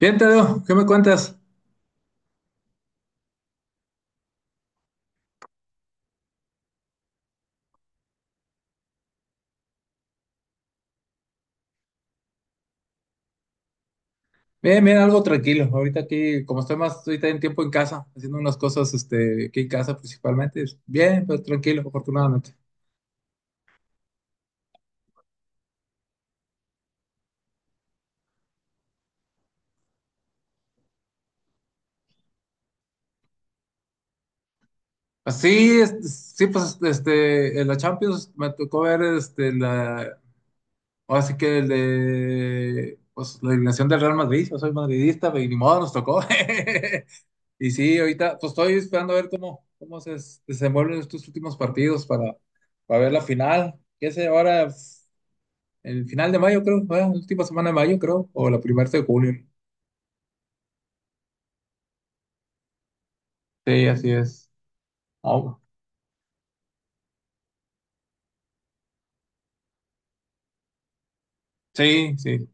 Bien, Tadeo, ¿qué me cuentas? Bien, bien, algo tranquilo. Ahorita aquí, como estoy más, ahorita en tiempo en casa, haciendo unas cosas, este, aquí en casa principalmente. Es bien, pero tranquilo, afortunadamente. Así, este, sí, pues, este, en la Champions me tocó ver, este, la, ahora sí que el de, pues, la eliminación del Real Madrid. Yo soy madridista, pero ni modo, nos tocó. Y sí, ahorita, pues, estoy esperando a ver cómo se desenvuelven estos últimos partidos para ver la final. ¿Qué sé ahora? El final de mayo, creo, fue la última semana de mayo, creo, o la primera de julio. Sí, así es. Oh, sí, sí.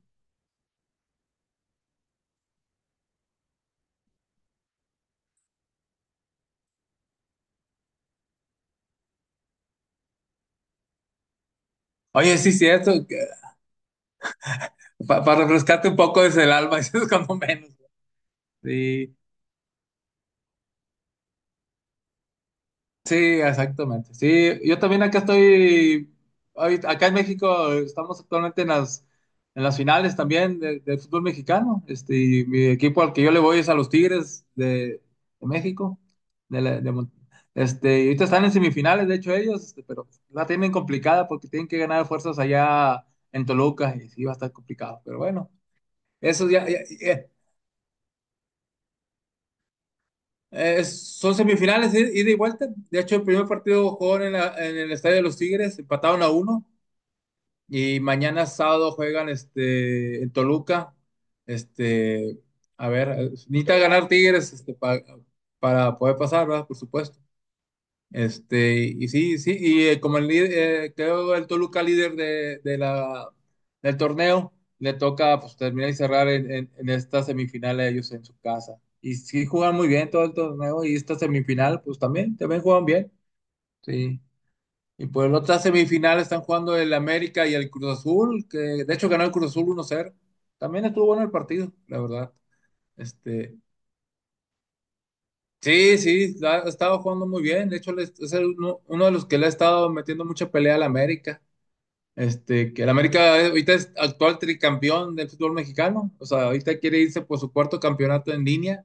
Oye, sí, cierto. Para refrescarte un poco desde el alma, eso es cuando menos. Sí. Sí, exactamente. Sí, yo también acá estoy, acá en México estamos actualmente en las finales también del fútbol mexicano. Este, y mi equipo al que yo le voy es a los Tigres de México. De la- de Mon- Este, y ahorita están en semifinales, de hecho ellos, este, pero la tienen complicada porque tienen que ganar fuerzas allá en Toluca y sí va a estar complicado. Pero bueno, eso ya, ya. Son semifinales, ida y vuelta. De hecho, el primer partido jugaron en el Estadio de los Tigres, empataron a uno. Y mañana sábado juegan este, en Toluca. Este, a ver, necesita ganar Tigres este, para poder pasar, ¿verdad? Por supuesto. Este, y sí, sí, y como el líder, quedó el Toluca líder del torneo, le toca pues, terminar y cerrar en esta semifinal a ellos en su casa. Y sí juegan muy bien todo el torneo y esta semifinal, pues también juegan bien. Sí. Y por la otra semifinal están jugando el América y el Cruz Azul, que de hecho ganó el Cruz Azul uno 0. También estuvo bueno el partido, la verdad. Este, sí, sí, ha estado jugando muy bien. De hecho, es el uno de los que le ha estado metiendo mucha pelea al América. Este, que el América ahorita es actual tricampeón del fútbol mexicano. O sea, ahorita quiere irse por su cuarto campeonato en línea.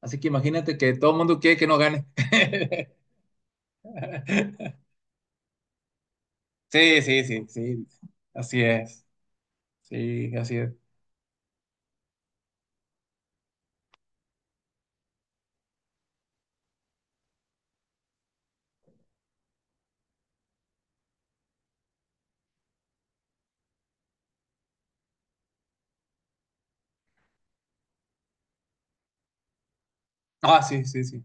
Así que imagínate que todo el mundo quiere que no gane. Sí, sí, sí, sí. Así es. Sí, así es. Ah, sí, sí, sí.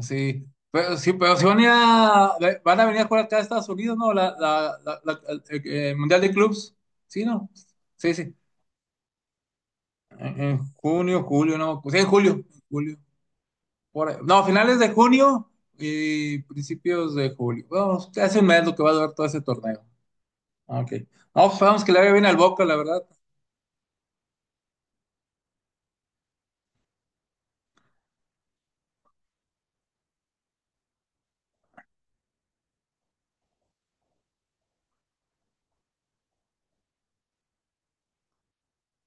Sí. Pero sí, pero si van a venir a jugar acá a Estados Unidos, ¿no? El Mundial de Clubs. Sí, ¿no? Sí, sí. En junio, julio, no, pues, sí, en julio, por ahí. No, finales de junio y principios de julio. Vamos, hace un mes lo que va a durar todo ese torneo. Ok. No, pues, vamos que le vaya bien al Boca, la verdad.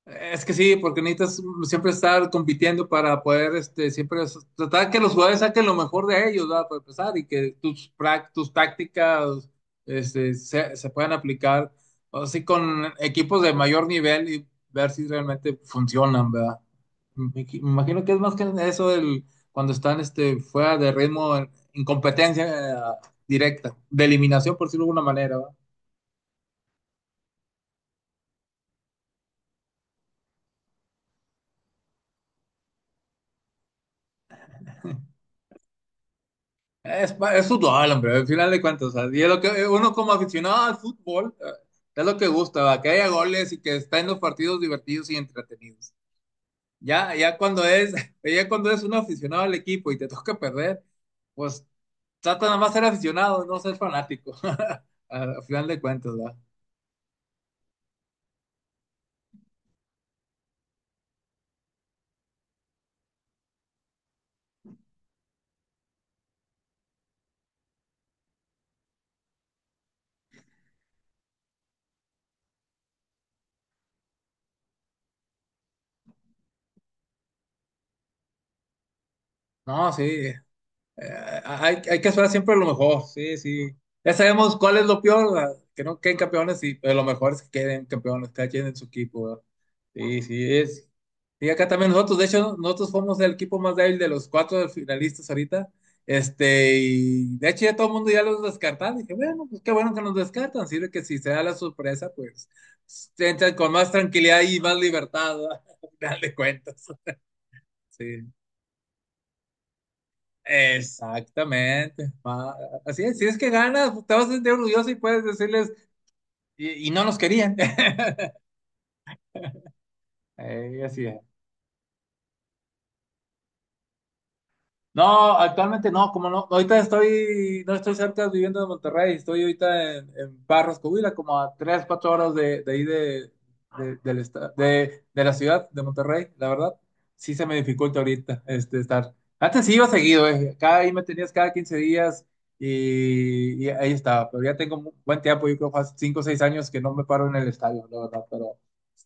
Es que sí, porque necesitas siempre estar compitiendo para poder, este, siempre tratar que los jugadores saquen lo mejor de ellos, ¿verdad? Para empezar, y que tus tácticas, este, se puedan aplicar así con equipos de mayor nivel y ver si realmente funcionan, ¿verdad? Me imagino que es más que eso el, cuando están, este, fuera de ritmo, en competencia, directa, de eliminación, por decirlo de alguna manera. Es fútbol, hombre, al final de cuentas. O sea, y es lo que uno como aficionado al fútbol, es lo que gusta, ¿va? Que haya goles y que estén los partidos divertidos y entretenidos. Ya, ya cuando es, ya cuando es un aficionado al equipo y te toca perder, pues trata nada más ser aficionado, no ser fanático. Al final de cuentas, ¿va? No, sí. Eh, hay que esperar siempre lo mejor, sí, sí. Ya sabemos cuál es lo peor, ¿verdad? Que no queden campeones, sí, pero lo mejor es que queden campeones, cada quien en su equipo, ¿verdad? Sí, sí, es. Y acá también nosotros, de hecho, nosotros fuimos el equipo más débil de los cuatro finalistas ahorita. Este, y de hecho ya todo el mundo ya los descartaba. Dije, bueno, pues qué bueno que nos descartan. Sirve que si se da la sorpresa, pues entran con más tranquilidad y más libertad, ¿verdad? Al final de cuentas. Sí. Exactamente. Así es, si es que ganas, te vas a sentir orgulloso y puedes decirles, y no nos querían. Así es. No, actualmente no, como no, ahorita estoy, no estoy cerca viviendo de Monterrey, estoy ahorita en Barros, Coahuila, como a tres, cuatro horas de ahí de la ciudad de Monterrey, la verdad, sí se me dificulta ahorita este, estar. Antes sí iba seguido, cada ahí me tenías cada 15 días y ahí estaba, pero ya tengo buen tiempo, yo creo que hace cinco o seis años que no me paro en el estadio, la verdad.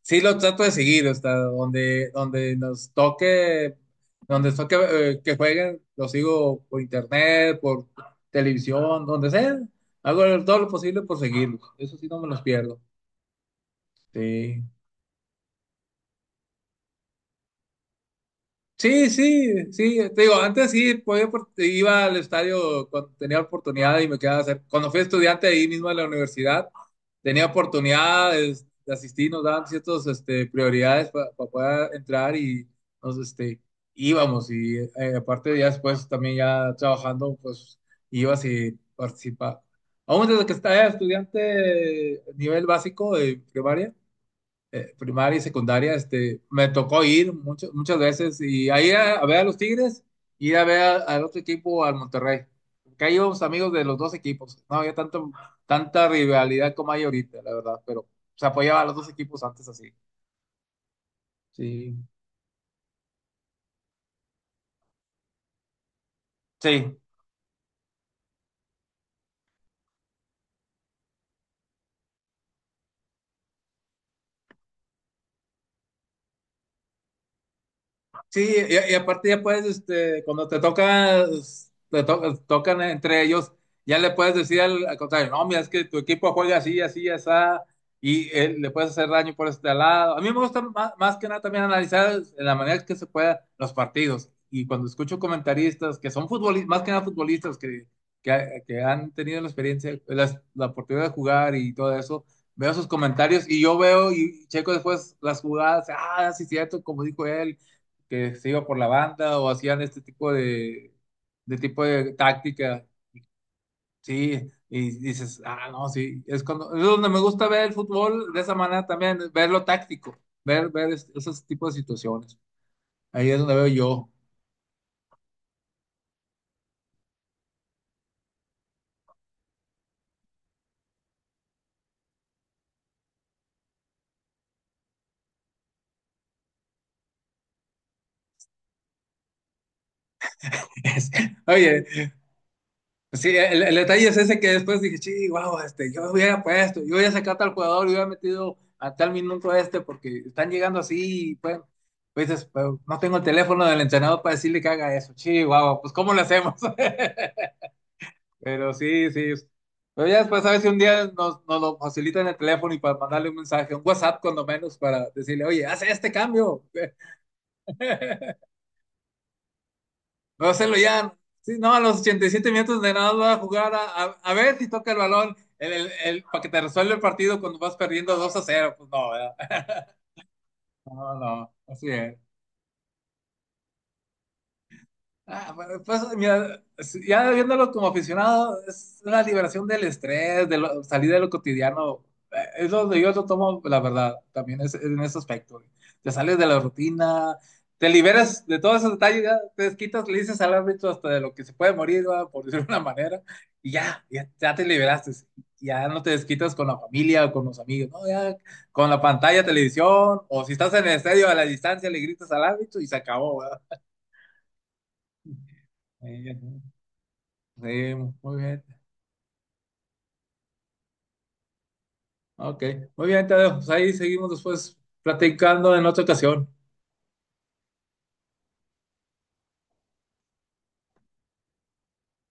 Sí, lo trato de seguir, o sea, donde nos toque, que jueguen, lo sigo por internet, por televisión, donde sea. Hago todo lo posible por seguirlos. Eso sí, no me los pierdo. Sí. Sí, sí, sí, te digo, antes sí podía, iba al estadio cuando tenía oportunidad y me quedaba cerca. Cuando fui estudiante ahí mismo en la universidad, tenía oportunidades de asistir, nos daban ciertas este, prioridades para poder entrar y nos este, íbamos. Y aparte ya después también ya trabajando, pues ibas y participaba. Aún desde que estaba estudiante nivel básico de primaria, primaria y secundaria, este, me tocó ir muchas veces y ahí a ver a los Tigres y ir a ver al otro equipo, al Monterrey. Que ahí íbamos amigos de los dos equipos. No había tanta rivalidad como hay ahorita, la verdad, pero se apoyaba a los dos equipos antes así. Sí. Sí, sí, y aparte ya puedes, este, cuando te tocas, tocan entre ellos, ya le puedes decir al contrario, no, mira, es que tu equipo juega así, así, así, y le puedes hacer daño por este lado. A mí me gusta más, más que nada también analizar en la manera que se pueda los partidos. Y cuando escucho comentaristas que son futbolistas, más que nada futbolistas que han tenido la experiencia, la oportunidad de jugar y todo eso, veo sus comentarios y yo veo y checo después las jugadas, ah, sí, cierto, como dijo él, que se iba por la banda o hacían este tipo de táctica. Sí, y dices, ah, no, sí, es cuando, es donde me gusta ver el fútbol de esa manera también, ver lo táctico, esos tipos de situaciones. Ahí es donde veo yo. Es- Oye, sí, el detalle es ese que después dije, sí, wow, este, yo hubiera puesto, yo hubiera sacado a tal jugador, yo hubiera metido a tal minuto este, porque están llegando así, y pues, pues dices, pero no tengo el teléfono del entrenador para decirle que haga eso, sí, wow, pues ¿cómo lo hacemos? Pero sí, sí, pero ya después a ver si un día nos lo facilitan el teléfono y para mandarle un mensaje, un WhatsApp cuando menos, para decirle, oye, haz este cambio. Va a hacerlo ya. Sí, no, a los 87 minutos de nada va a jugar a ver si toca el balón para que te resuelva el partido cuando vas perdiendo 2-0. Pues no, ¿verdad? No, no, así es. Ah, pues, mira, sí, ya viéndolo como aficionado, es una liberación del estrés, salir de lo cotidiano. Es donde yo lo tomo, la verdad, también es, en ese aspecto. Te sales de la rutina, te liberas de todos esos detalles, ya te desquitas, le dices al árbitro hasta de lo que se puede morir, ¿va? Por decirlo de una manera, y ya, ya, ya te liberaste. Ya no te desquitas con la familia o con los amigos, ¿no? Ya con la pantalla, televisión, o si estás en el estadio a la distancia, le gritas al árbitro y se acabó, ¿verdad? Eh, Sí, muy bien. Ok, muy bien, Tadeo. Pues ahí seguimos después platicando en otra ocasión.